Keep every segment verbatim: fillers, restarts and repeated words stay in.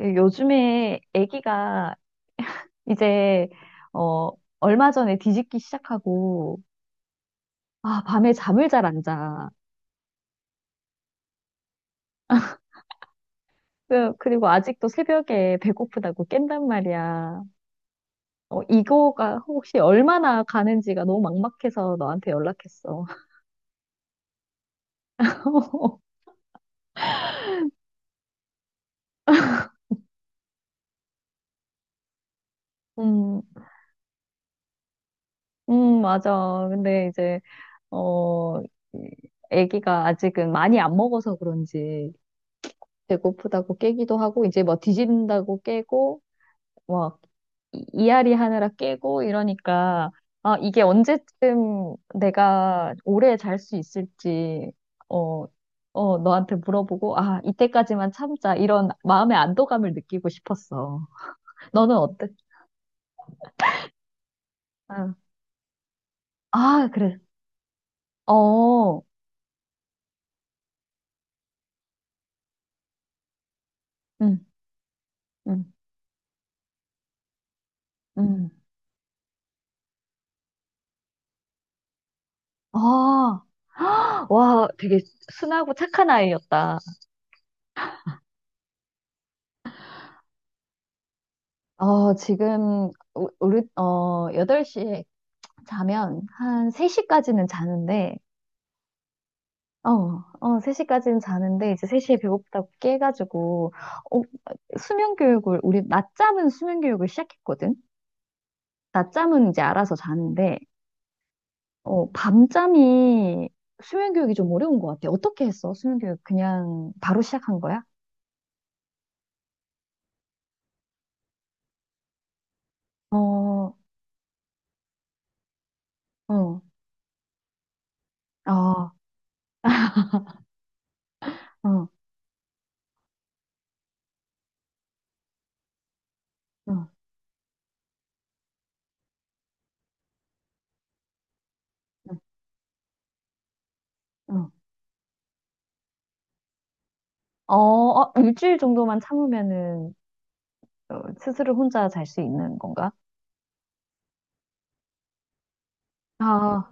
예, 요즘에 아기가 이제 어 얼마 전에 뒤집기 시작하고 아 밤에 잠을 잘 안 자. 그- 그리고 아직도 새벽에 배고프다고 깬단 말이야. 어, 이거가 혹시 얼마나 가는지가 너무 막막해서 너한테 연락했어. 음, 음, 맞아. 근데 이제 어 이- 아기가 아직은 많이 안 먹어서 그런지 배고프다고 깨기도 하고 이제 뭐 뒤진다고 깨고 뭐 이- 이앓이 하느라 깨고 이러니까 아, 이게 언제쯤 내가 오래 잘 수 있을지 어, 어, 너한테 물어보고 아, 이때까지만 참자 이런 마음의 안도감을 느끼고 싶었어. 너는 어때? 아, 아, 그래. 어, 응, 응, 응. 아, 와, 되게 순하고 착한 아이였다. 어, 지금, 우- 우리, 어, 여덟 시에 자면 한 세 시까지는 자는데, 어, 어, 세 시까지는 자는데, 이제 세 시에 배고프다고 깨가지고, 어, 수면 교육을, 우리 낮잠은 수면 교육을 시작했거든? 낮잠은 이제 알아서 자는데, 어, 밤잠이 수면 교육이 좀 어려운 것 같아. 어떻게 했어? 수면 교육 그냥 바로 시작한 거야? 어, 어, 어, 어, 어, 어, 어, 어, 어, 일주일 정도만 참으면은, 어, 스스로 혼자 잘 수 있는 건가? 아,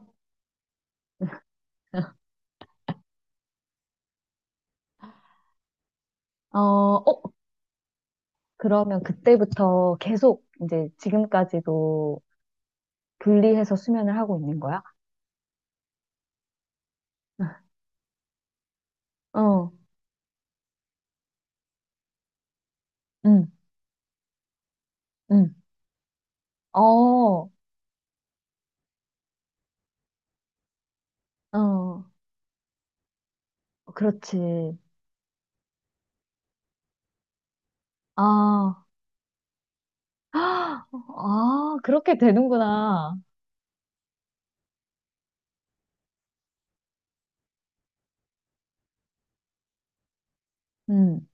어, 어, 그러면 그때부터 계속 이제 지금까지도 분리해서 수면을 하고 있는 거야? 어, 응, 응. 어, 어, 그렇지. 아, 아, 그렇게 되는구나. 음.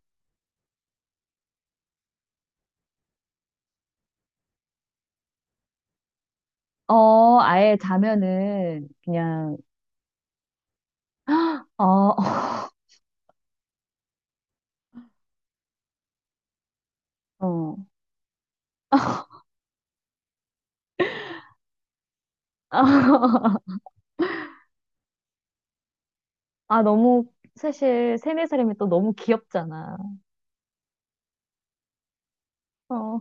어, 아예 자면은 그냥, 어, 어. 아, 너무, 사실, 세네 살이면 또 너무 귀엽잖아. 어.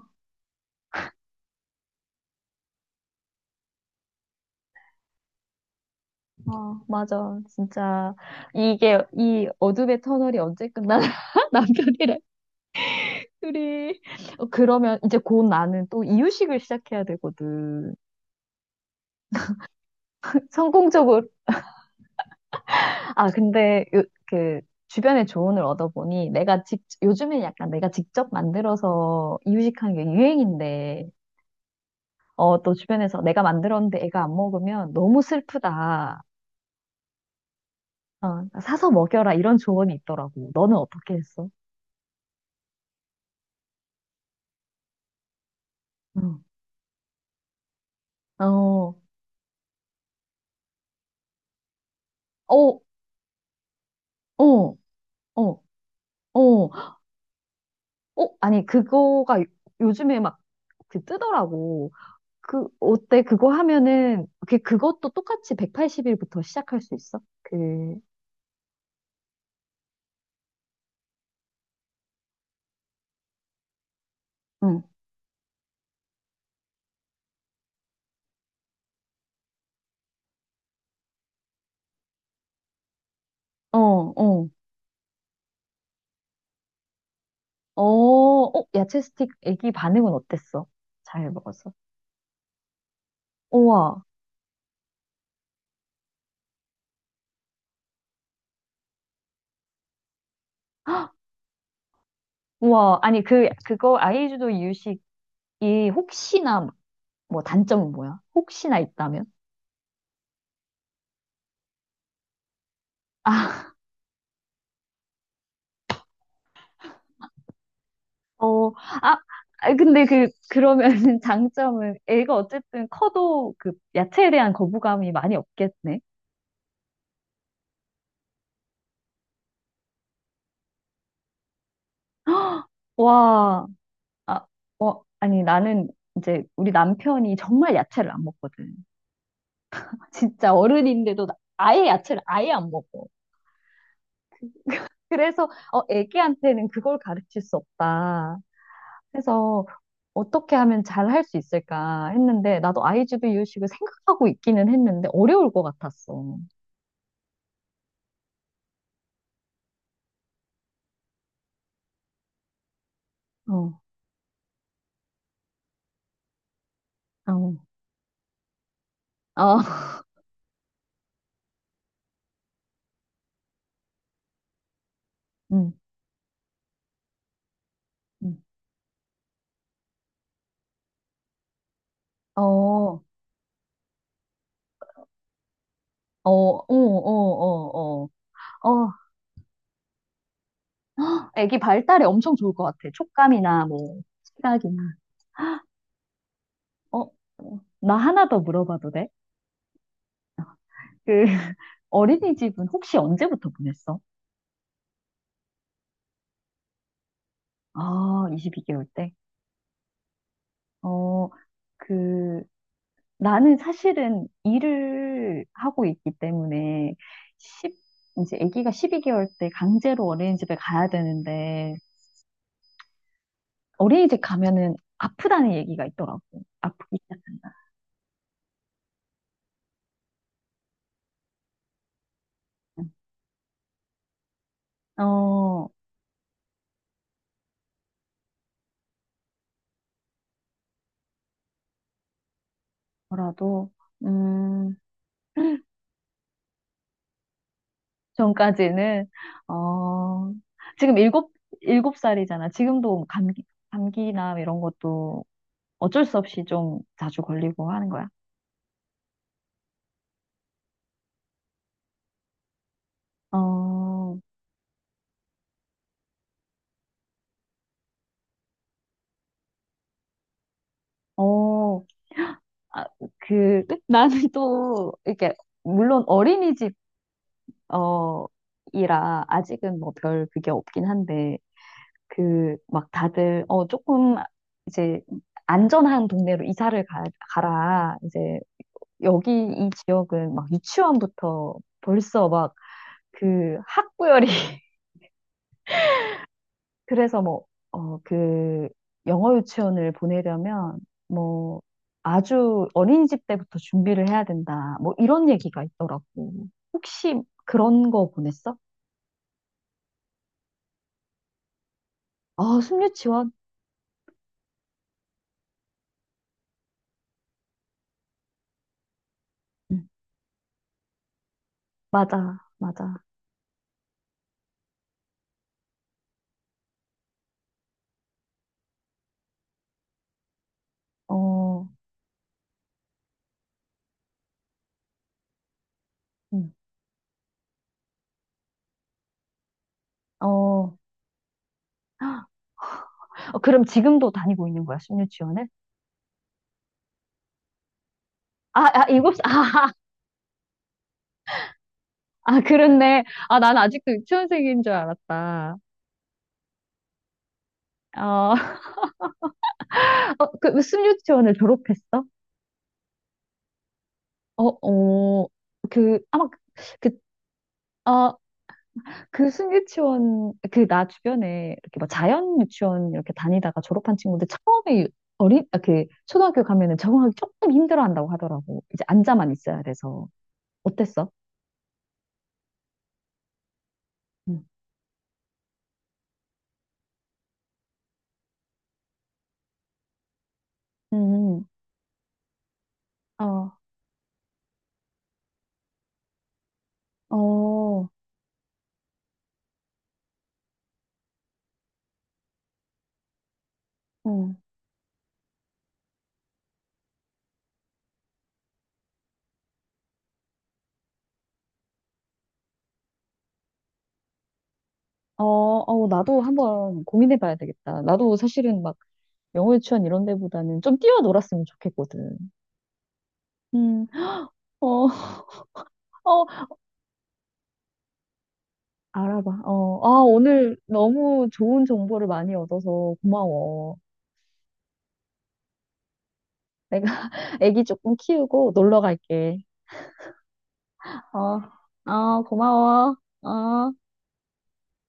어 맞아. 진짜, 이게, 이 어둠의 터널이 언제 끝나나? 남편이랑 둘이. 어, 그러면 이제 곧 나는 또 이유식을 시작해야 되거든. 성공적으로. 아, 근데, 요, 그, 주변의 조언을 얻어보니, 내가 직, 요즘에 약간 내가 직접 만들어서 이유식하는 게 유행인데, 어, 또 주변에서 내가 만들었는데 애가 안 먹으면 너무 슬프다. 어, 사서 먹여라. 이런 조언이 있더라고. 너는 어떻게 했어? 응. 어, 어, 어. 어, 어, 어, 아니, 그거가 요- 요즘에 막 그 뜨더라고. 그, 어때? 그거 하면은, 그, 그것도 똑같이 백팔십 일부터 시작할 수 있어? 그, 응, 어, 어, 어, 어, 야채 스틱 애기 반응은 어땠어? 잘 먹었어? 우와, 우와. 아니, 그, 그거 아이주도 이유식이 혹시나, 뭐 단점은 뭐야? 혹시나 있다면? 아, 어, 아, 아, 근데 그, 그러면 장점은 애가 어쨌든 커도 그 야채에 대한 거부감이 많이 없겠네. 와, 아, 어, 아니 나는 이제 우리 남편이 정말 야채를 안 먹거든. 진짜 어른인데도 나- 아예 야채를 아예 안 먹어. 그래서 어, 애기한테는 그걸 가르칠 수 없다. 그래서 어떻게 하면 잘 할 수 있을까 했는데 나도 아이주도 이유식을 생각하고 있기는 했는데 어려울 것 같았어. 어, 어, 어. 음, 음. 어, 어, 어, 어, 어, 어. 어, 애기 발달에 엄청 좋을 것 같아. 촉감이나 뭐, 시각이나. 어, 어, 나 하나 더 물어봐도 돼? 그, 어린이집은 혹시 언제부터 보냈어? 아, 이십이 개월 때? 어, 그, 나는 사실은 일을 하고 있기 때문에 십 이제 아기가 십이 개월 때 강제로 어린이집에 가야 되는데, 어린이집 가면은 아프다는 얘기가 있더라고. 아프기 시작. 어, 뭐라도, 음, 전까지는, 어, 지금 일곱, 일곱 살이잖아. 지금도 감기, 감기나 이런 것도 어쩔 수 없이 좀 자주 걸리고 하는 거야. 어, 어, 아, 그, 나는 또, 이렇게, 물론 어린이집, 어, 이라 아직은 뭐 별 그게 없긴 한데, 그, 막 다들, 어, 조금, 이제, 안전한 동네로 이사를 가, 가라. 이제 여기 이 지역은 막 유치원부터 벌써 막 그 학구열이 그래서 뭐, 어, 그 영어 유치원을 보내려면 뭐 아주 어린이집 때부터 준비를 해야 된다. 뭐 이런 얘기가 있더라고. 혹시 그런 거 보냈어? 아, 숨유치원? 응, 맞아, 맞아. 어, 응, 어. 어, 그럼 지금도 다니고 있는 거야, 숨유치원을? 아, 아, 일곱, 살- 아, 아, 아, 그렇네. 아, 난 아직도 유치원생인 줄 알았다. 어, 어, 그 무슨 유치원을 졸업했어? 어, 어, 그, 아마, 그, 아, 그 순유치원, 그, 나 주변에 이렇게 막 자연 유치원 이렇게 다니다가 졸업한 친구들 처음에 어린, 아, 그, 초등학교 가면은 적응하기 조금 힘들어 한다고 하더라고. 이제 앉아만 있어야 돼서. 어땠어? 음, 음, 어, 어, 음. 어, 어, 나도 한번 고민해 봐야 되겠다. 나도 사실은 막 영어 유치원 이런 데보다는 좀 뛰어놀았으면 좋겠거든. 음, 어. 어, 알아봐. 어, 아, 오늘 너무 좋은 정보를 많이 얻어서 고마워. 내가 아기 조금 키우고 놀러 갈게. 어, 어, 고마워. 어.